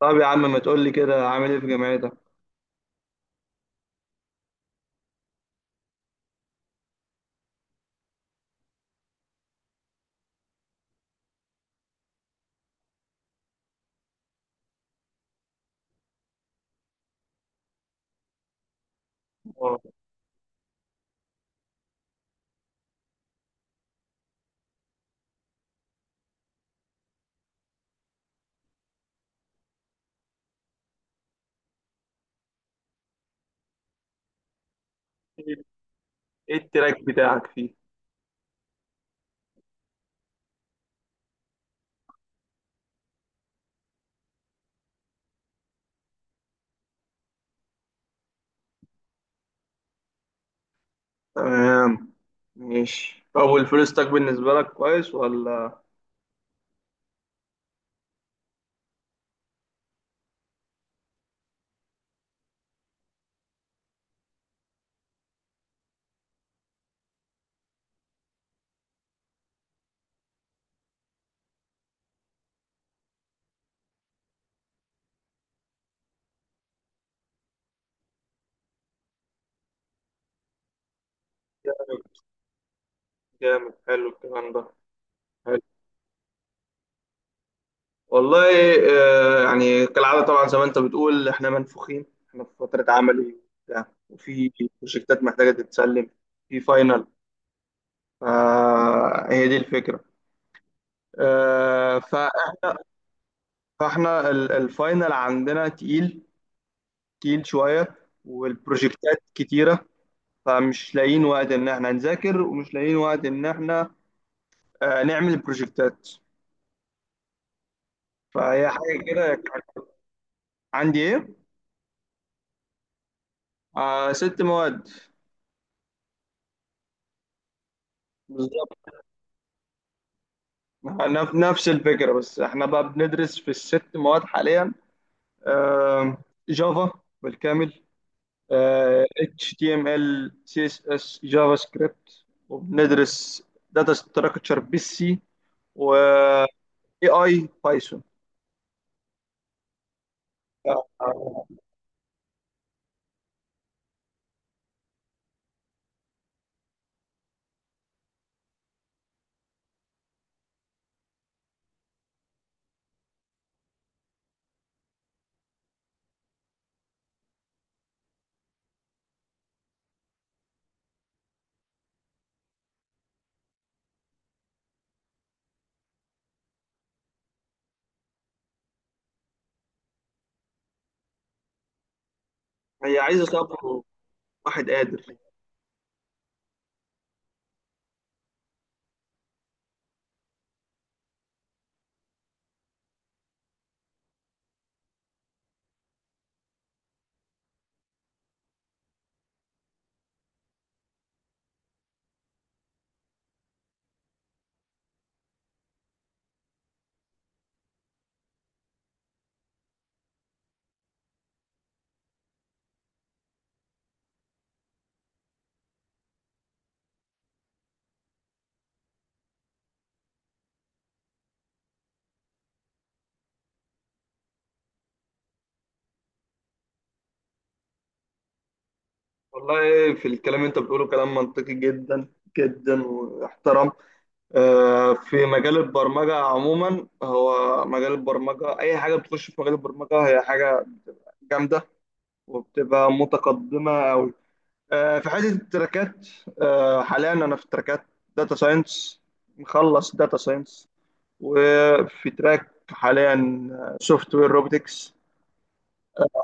طب يا عم ما تقول لي كده عامل ايه في جامعتك؟ اه. ايه التراك بتاعك فيه؟ تمام، ماشي. طب والفلوس تاك بالنسبة لك كويس ولا؟ جامد، جامد، حلو الكلام ده. حلو، والله. آه يعني كالعادة طبعا، زي ما انت بتقول احنا منفوخين، احنا في فترة عملي وبتاع وفي بروجكتات محتاجة تتسلم، في فاينل، فهي دي الفكرة. آه ف- الفاينل عندنا تقيل، تقيل شوية، والبروجكتات كتيرة. فمش لاقيين وقت إن إحنا نذاكر ومش لاقيين وقت إن إحنا نعمل بروجكتات. فهي حاجة كده كان. عندي إيه؟ آه، ست مواد. بالظبط، نفس الفكرة، بس إحنا بقى بندرس في الست مواد حاليا. آه، جافا بالكامل، آه HTML CSS جافا سكريبت، وبندرس داتا ستراكشر بالسي و AI بايثون. هي عايزة صبر، وواحد قادر. والله، في الكلام اللي انت بتقوله كلام منطقي جدا جدا واحترام. آه، في مجال البرمجة عموما، هو مجال البرمجة أي حاجة بتخش في مجال البرمجة هي حاجة بتبقى جامدة وبتبقى متقدمة أوي. آه، في حتة التراكات، آه، حاليا أنا في تراكات داتا ساينس، مخلص داتا ساينس، وفي تراك حاليا سوفت وير روبوتكس.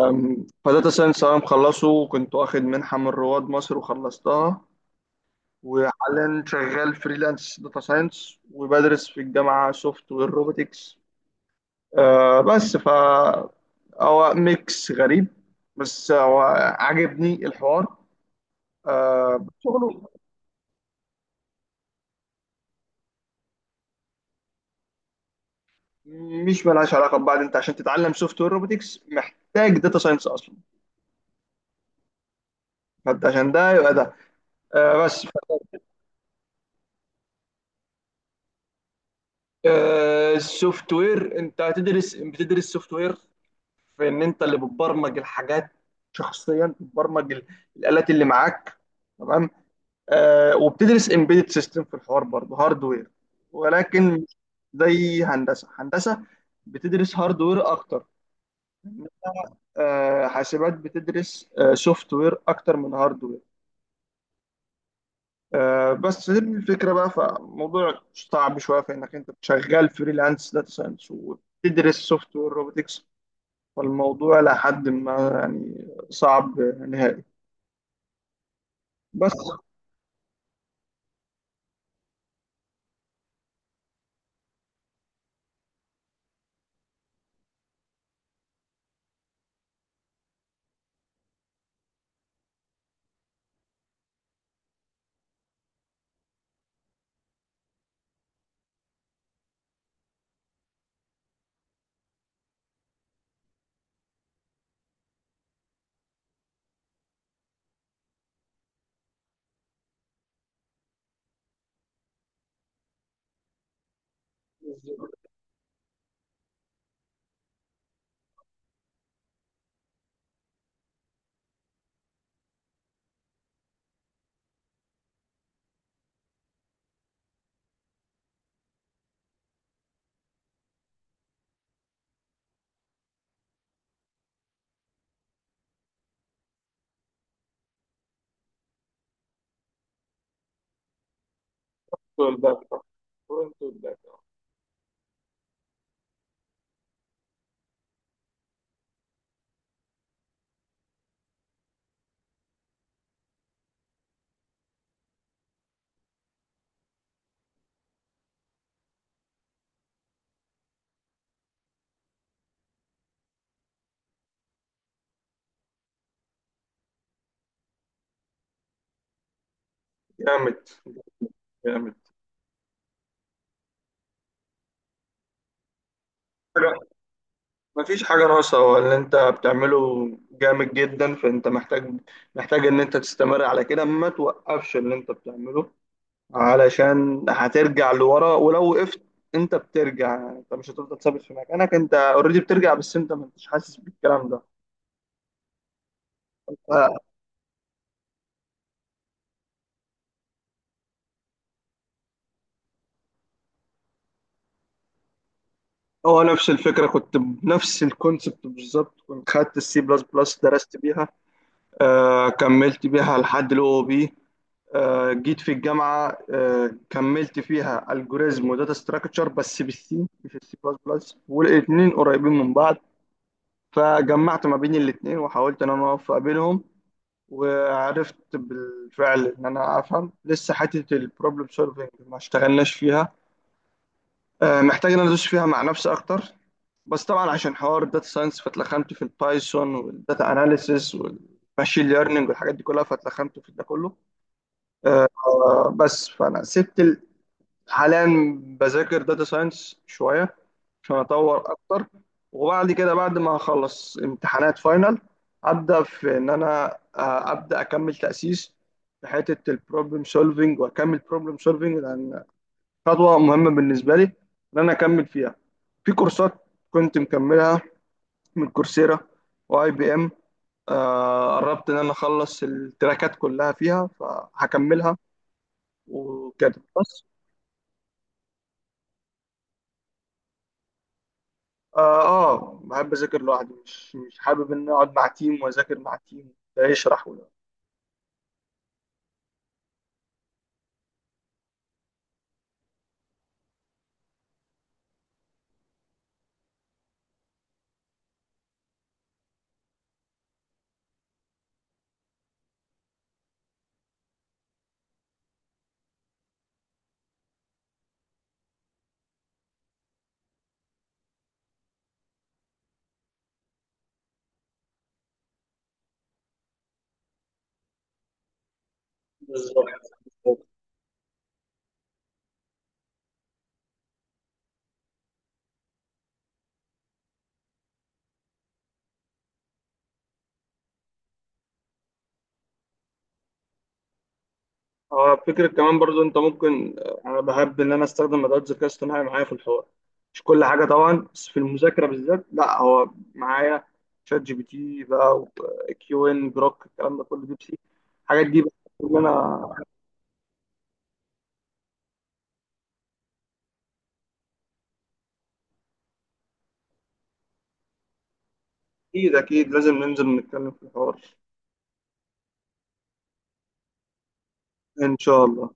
فداتا ساينس انا مخلصه، وكنت واخد منحه من رواد مصر وخلصتها، وحاليا شغال فريلانس داتا ساينس وبدرس في الجامعه سوفت وير روبوتكس. أه بس ف هو ميكس غريب، بس هو عاجبني الحوار، أه شغله. مش ملهاش علاقه ببعض، انت عشان تتعلم سوفت وير روبوتكس محتاج داتا ساينس اصلا. فانت عشان ده يبقى ده. أه بس. السوفت وير انت هتدرس، بتدرس سوفت وير، في ان انت اللي بتبرمج الحاجات شخصيا، بتبرمج الالات اللي معاك. تمام. آه، وبتدرس امبيدد سيستم في الحوار برضه، هاردوير، ولكن مش زي هندسه هندسه بتدرس هاردوير اكتر. آه، حاسبات بتدرس سوفت وير اكتر من هاردوير. آه، بس هي الفكرة بقى. فموضوع صعب شوية في إنك أنت شغال فريلانس داتا ساينس وتدرس سوفت وير روبوتكس، فالموضوع لحد ما يعني صعب نهائي. بس، والباك. فرونت والباك. جامد، جامد. حاجة- مفيش حاجة ناقصة، هو اللي أنت بتعمله جامد جدا، فأنت محتاج، محتاج إن أنت تستمر على كده، ما توقفش اللي أنت بتعمله علشان هترجع لورا ولو وقفت. انت بترجع، انت مش هتفضل ثابت في مكانك، انت اوريدي بترجع بس انت ما انتش حاسس بالكلام ده. ف- هو نفس الفكره، كنت بنفس الكونسبت بالظبط. كنت خدت السي بلس بلس، درست بيها، آه كملت بيها لحد الاو بي، آه جيت في الجامعه، آه كملت فيها الجوريزم وداتا ستراكشر بس بالسي مش السي بلس بلس، والاثنين قريبين من بعض، فجمعت ما بين الاثنين وحاولت ان انا اوفق بينهم. وعرفت بالفعل ان انا افهم لسه حته البروبلم سولفنج ما اشتغلناش فيها. آه، محتاج ان انا ادوس فيها مع نفسي اكتر. بس طبعا عشان حوار الداتا ساينس فاتلخمت في البايثون والداتا اناليسيس والماشين ليرنينج والحاجات دي كلها، فاتلخمت في ده كله. آه، بس فانا سبت ال- حاليا بذاكر داتا ساينس شويه عشان اطور اكتر. وبعد كده، بعد ما اخلص امتحانات فاينل، ابدا في ان انا ابدا اكمل تاسيس في حته البروبلم سولفنج، واكمل بروبلم سولفنج لان خطوه مهمه بالنسبه لي ان انا اكمل فيها. في كورسات كنت مكملها من كورسيرا واي بي ام، آه، قربت ان انا اخلص التراكات كلها فيها، فهكملها. وكده بس. اه. آه، بحب اذاكر لوحدي، مش حابب ان أنا اقعد مع تيم واذاكر مع تيم ده يشرح وده. بالظبط. بالظبط. اه، فكرة كمان برضو انت ممكن، آه، انا بحب ان انا استخدم ادوات الذكاء الاصطناعي معايا في الحوار. مش كل حاجة طبعا، بس في المذاكرة بالذات لا، هو معايا شات جي بي تي بقى، وكيو ان، جروك، الكلام ده كله، ديب سي، الحاجات دي بقى اللي انا. اكيد اكيد، لازم ننزل نتكلم في الحوار. ان شاء الله.